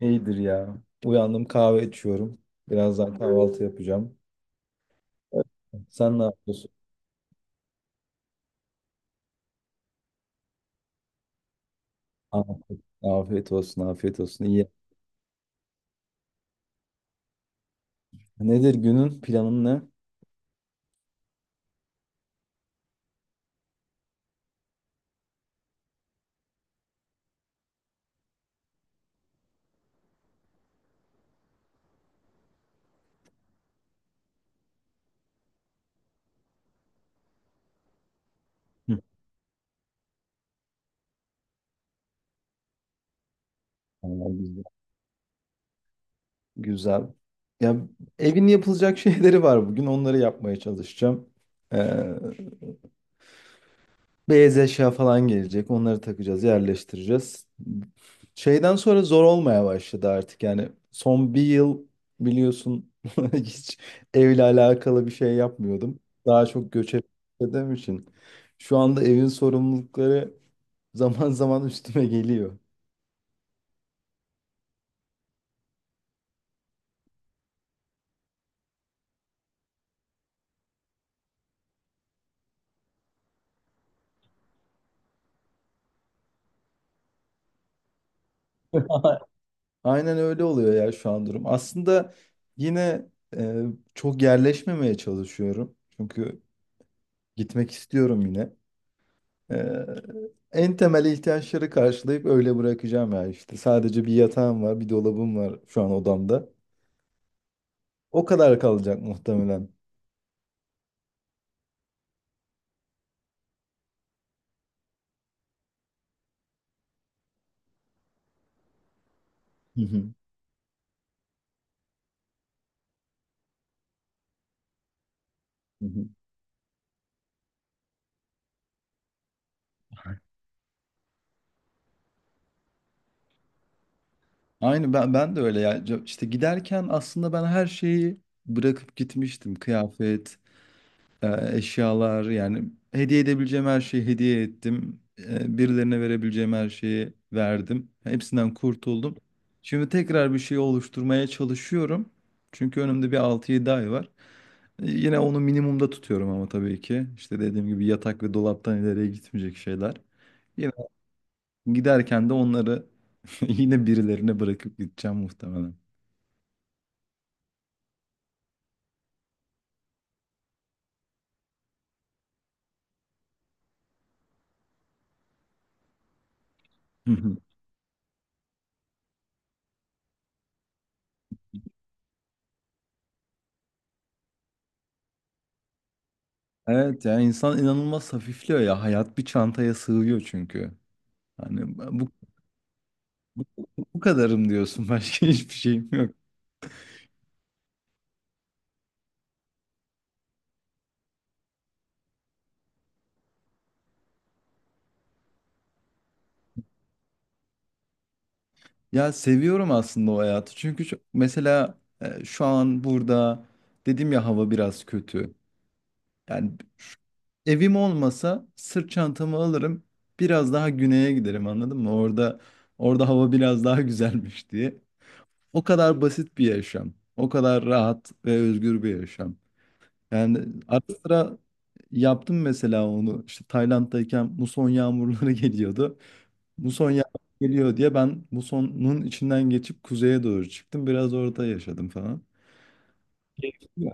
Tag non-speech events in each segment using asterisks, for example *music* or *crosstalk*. İyidir ya. Uyandım, kahve içiyorum. Birazdan kahvaltı yapacağım. Sen ne yapıyorsun? Afiyet olsun, afiyet olsun. İyi. Nedir günün planın ne? Hı. Vallahi güzel. Güzel. Ya, evin yapılacak *laughs* şeyleri var bugün. Onları yapmaya çalışacağım. Ee, Beyaz eşya falan gelecek. Onları takacağız, yerleştireceğiz. Şeyden sonra zor olmaya başladı artık. Yani son bir yıl biliyorsun *laughs* hiç evle alakalı bir şey yapmıyordum. Daha çok göç ettiğim için. Şu anda evin sorumlulukları *laughs* zaman zaman üstüme geliyor. *laughs* Aynen öyle oluyor ya şu an durum. Aslında yine e, çok yerleşmemeye çalışıyorum. Çünkü gitmek istiyorum yine. Ee, En temel ihtiyaçları karşılayıp öyle bırakacağım ya işte. Sadece bir yatağım var, bir dolabım var şu an odamda. O kadar kalacak muhtemelen. Hı hı, hı hı. Aynı ben de öyle ya. İşte giderken aslında ben her şeyi bırakıp gitmiştim. Kıyafet, eşyalar, yani hediye edebileceğim her şeyi hediye ettim. Birilerine verebileceğim her şeyi verdim. Hepsinden kurtuldum. Şimdi tekrar bir şey oluşturmaya çalışıyorum. Çünkü önümde bir 6-7 ay var. Yine onu minimumda tutuyorum ama tabii ki. İşte dediğim gibi yatak ve dolaptan ileriye gitmeyecek şeyler. Yine giderken de onları *laughs* yine birilerine bırakıp gideceğim muhtemelen. *laughs* Hı hı. Evet ya, insan inanılmaz hafifliyor ya. Hayat bir çantaya sığıyor çünkü. Hani bu, bu kadarım diyorsun. *laughs* Başka hiçbir şeyim yok. Ya, seviyorum aslında o hayatı. Çünkü mesela şu an burada, dedim ya, hava biraz kötü. Yani evim olmasa sırt çantamı alırım. Biraz daha güneye giderim, anladın mı? Orada hava biraz daha *laughs* güzelmiş diye. O kadar basit bir yaşam. O kadar rahat ve özgür bir yaşam. Yani ara sıra yaptım mesela onu. İşte Tayland'dayken muson yağmurları *laughs* geliyordu. Muson yağmur geliyor diye ben musonun içinden geçip kuzeye doğru çıktım. Biraz orada yaşadım falan. Ya.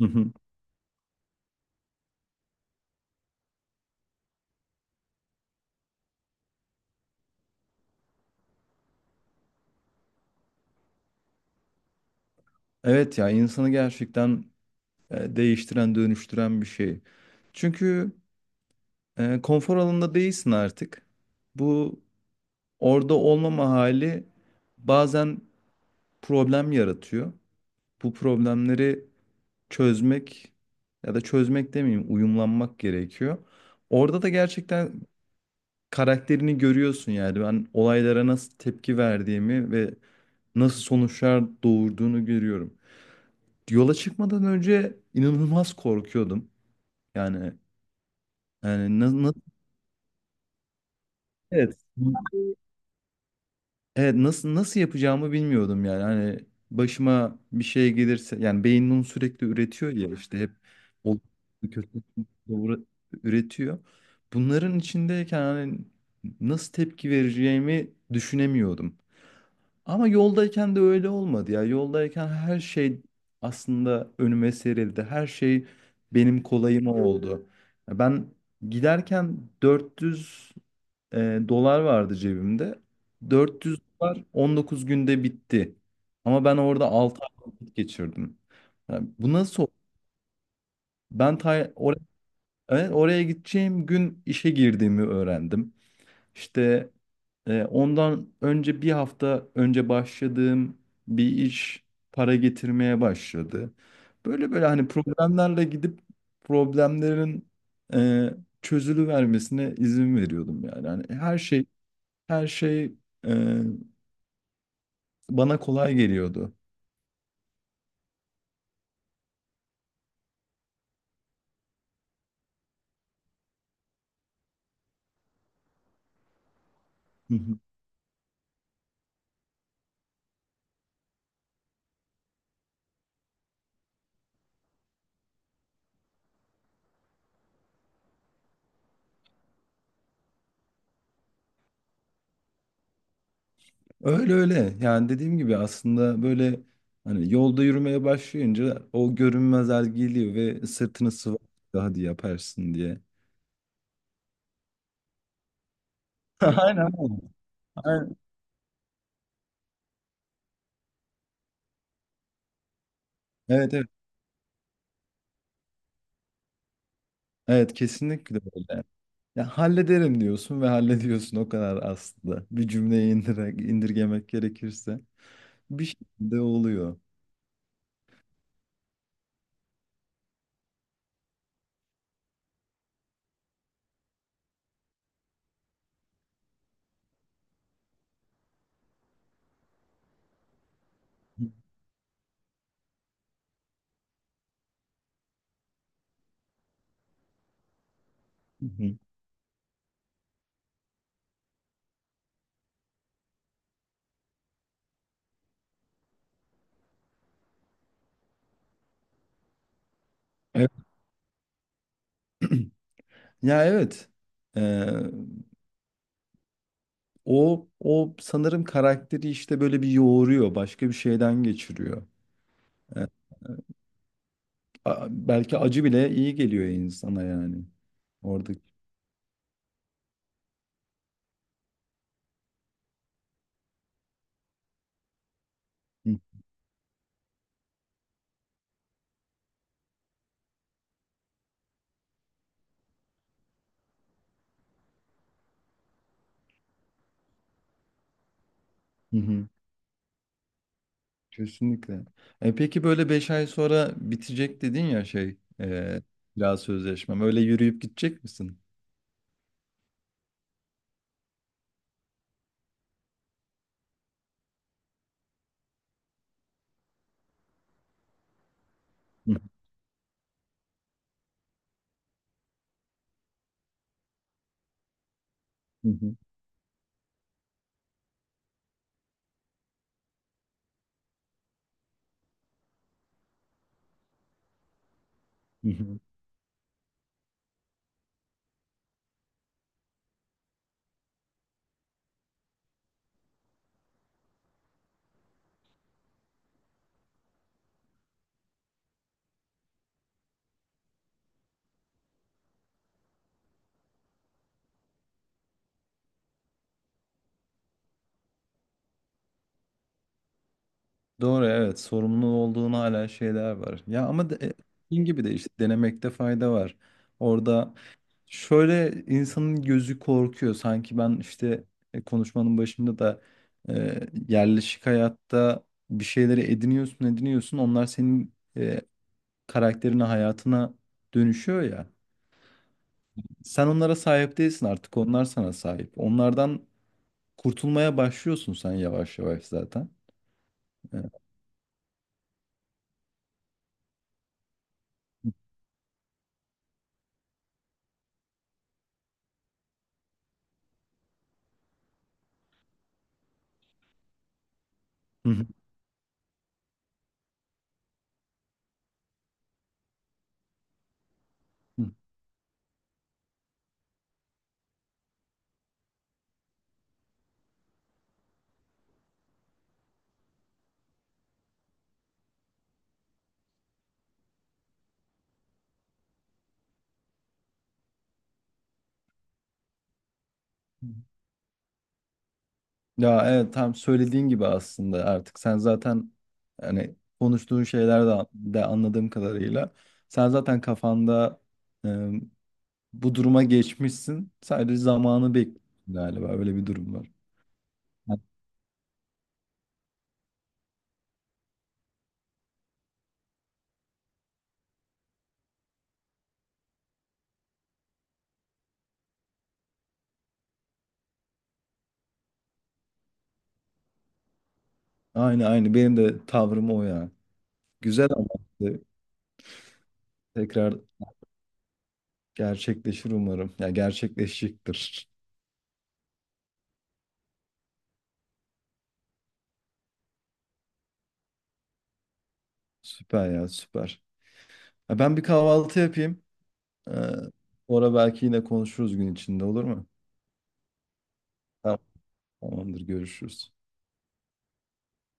Hı hı. Evet ya, insanı gerçekten değiştiren, dönüştüren bir şey. Çünkü konfor alanında değilsin artık. Bu orada olmama hali bazen problem yaratıyor. Bu problemleri çözmek, ya da çözmek demeyeyim, uyumlanmak gerekiyor. Orada da gerçekten karakterini görüyorsun, yani ben olaylara nasıl tepki verdiğimi ve nasıl sonuçlar doğurduğunu görüyorum. Yola çıkmadan önce inanılmaz korkuyordum. Yani yani na- nasıl evet. Evet, nasıl yapacağımı bilmiyordum, yani, hani başıma bir şey gelirse, yani beyin bunu sürekli üretiyor ya işte hep o kötü, doğru üretiyor. Bunların içindeyken hani nasıl tepki vereceğimi düşünemiyordum. Ama yoldayken de öyle olmadı ya. Yoldayken her şey aslında önüme serildi. Her şey benim kolayıma oldu. Ben giderken 400 dolar vardı cebimde. 400 dolar 19 günde bitti. Ama ben orada 6 ay vakit geçirdim. Yani bu nasıl? Ben oraya, evet, oraya gideceğim gün işe girdiğimi öğrendim. İşte ondan önce, bir hafta önce başladığım bir iş para getirmeye başladı. Böyle böyle hani problemlerle gidip problemlerin e, çözülü vermesine izin veriyordum yani. Hani her şey e, bana kolay geliyordu. Hı hı. Öyle öyle. Yani dediğim gibi aslında böyle hani yolda yürümeye başlayınca o görünmezler geliyor ve sırtını sıvazlıyor, hadi yaparsın diye. *laughs* Aynen. Öyle. Aynen. Evet, evet. Evet, kesinlikle öyle. Ya, hallederim diyorsun ve hallediyorsun, o kadar aslında. Bir cümleye indirgemek gerekirse bir şekilde oluyor. Hı hı. Evet. Ya, evet. Ee, o sanırım karakteri işte böyle bir yoğuruyor, başka bir şeyden geçiriyor. E, Belki acı bile iyi geliyor insana yani. Orada. Hı, hı, hı. Kesinlikle. Peki böyle 5 ay sonra bitecek dedin ya şey, biraz sözleşmem. Öyle yürüyüp gidecek misin? Hı, hı, hı, hı, hı. Doğru, evet, sorumlu olduğun hala şeyler var. Ya ama dediğin gibi de işte denemekte fayda var. Orada Şöyle insanın gözü korkuyor. Sanki ben işte, konuşmanın başında da, e, yerleşik hayatta bir şeyleri ediniyorsun, ediniyorsun. Onlar senin karakterine, hayatına dönüşüyor ya. Sen onlara sahip değilsin artık. Onlar sana sahip. Onlardan kurtulmaya başlıyorsun sen yavaş yavaş zaten. E, Ya evet, tam söylediğin gibi aslında artık sen zaten, hani konuştuğun şeyler de anladığım kadarıyla sen zaten kafanda e, bu duruma geçmişsin, sadece zamanı bekliyorsun galiba, öyle bir durum var. Aynı, benim de tavrım o ya. Güzel ama işte tekrar gerçekleşir umarım. Ya, gerçekleşecektir. Süper ya, süper. Ya ben bir kahvaltı yapayım. Ee, Sonra belki yine konuşuruz gün içinde, olur mu? Tamam, tamamdır, görüşürüz.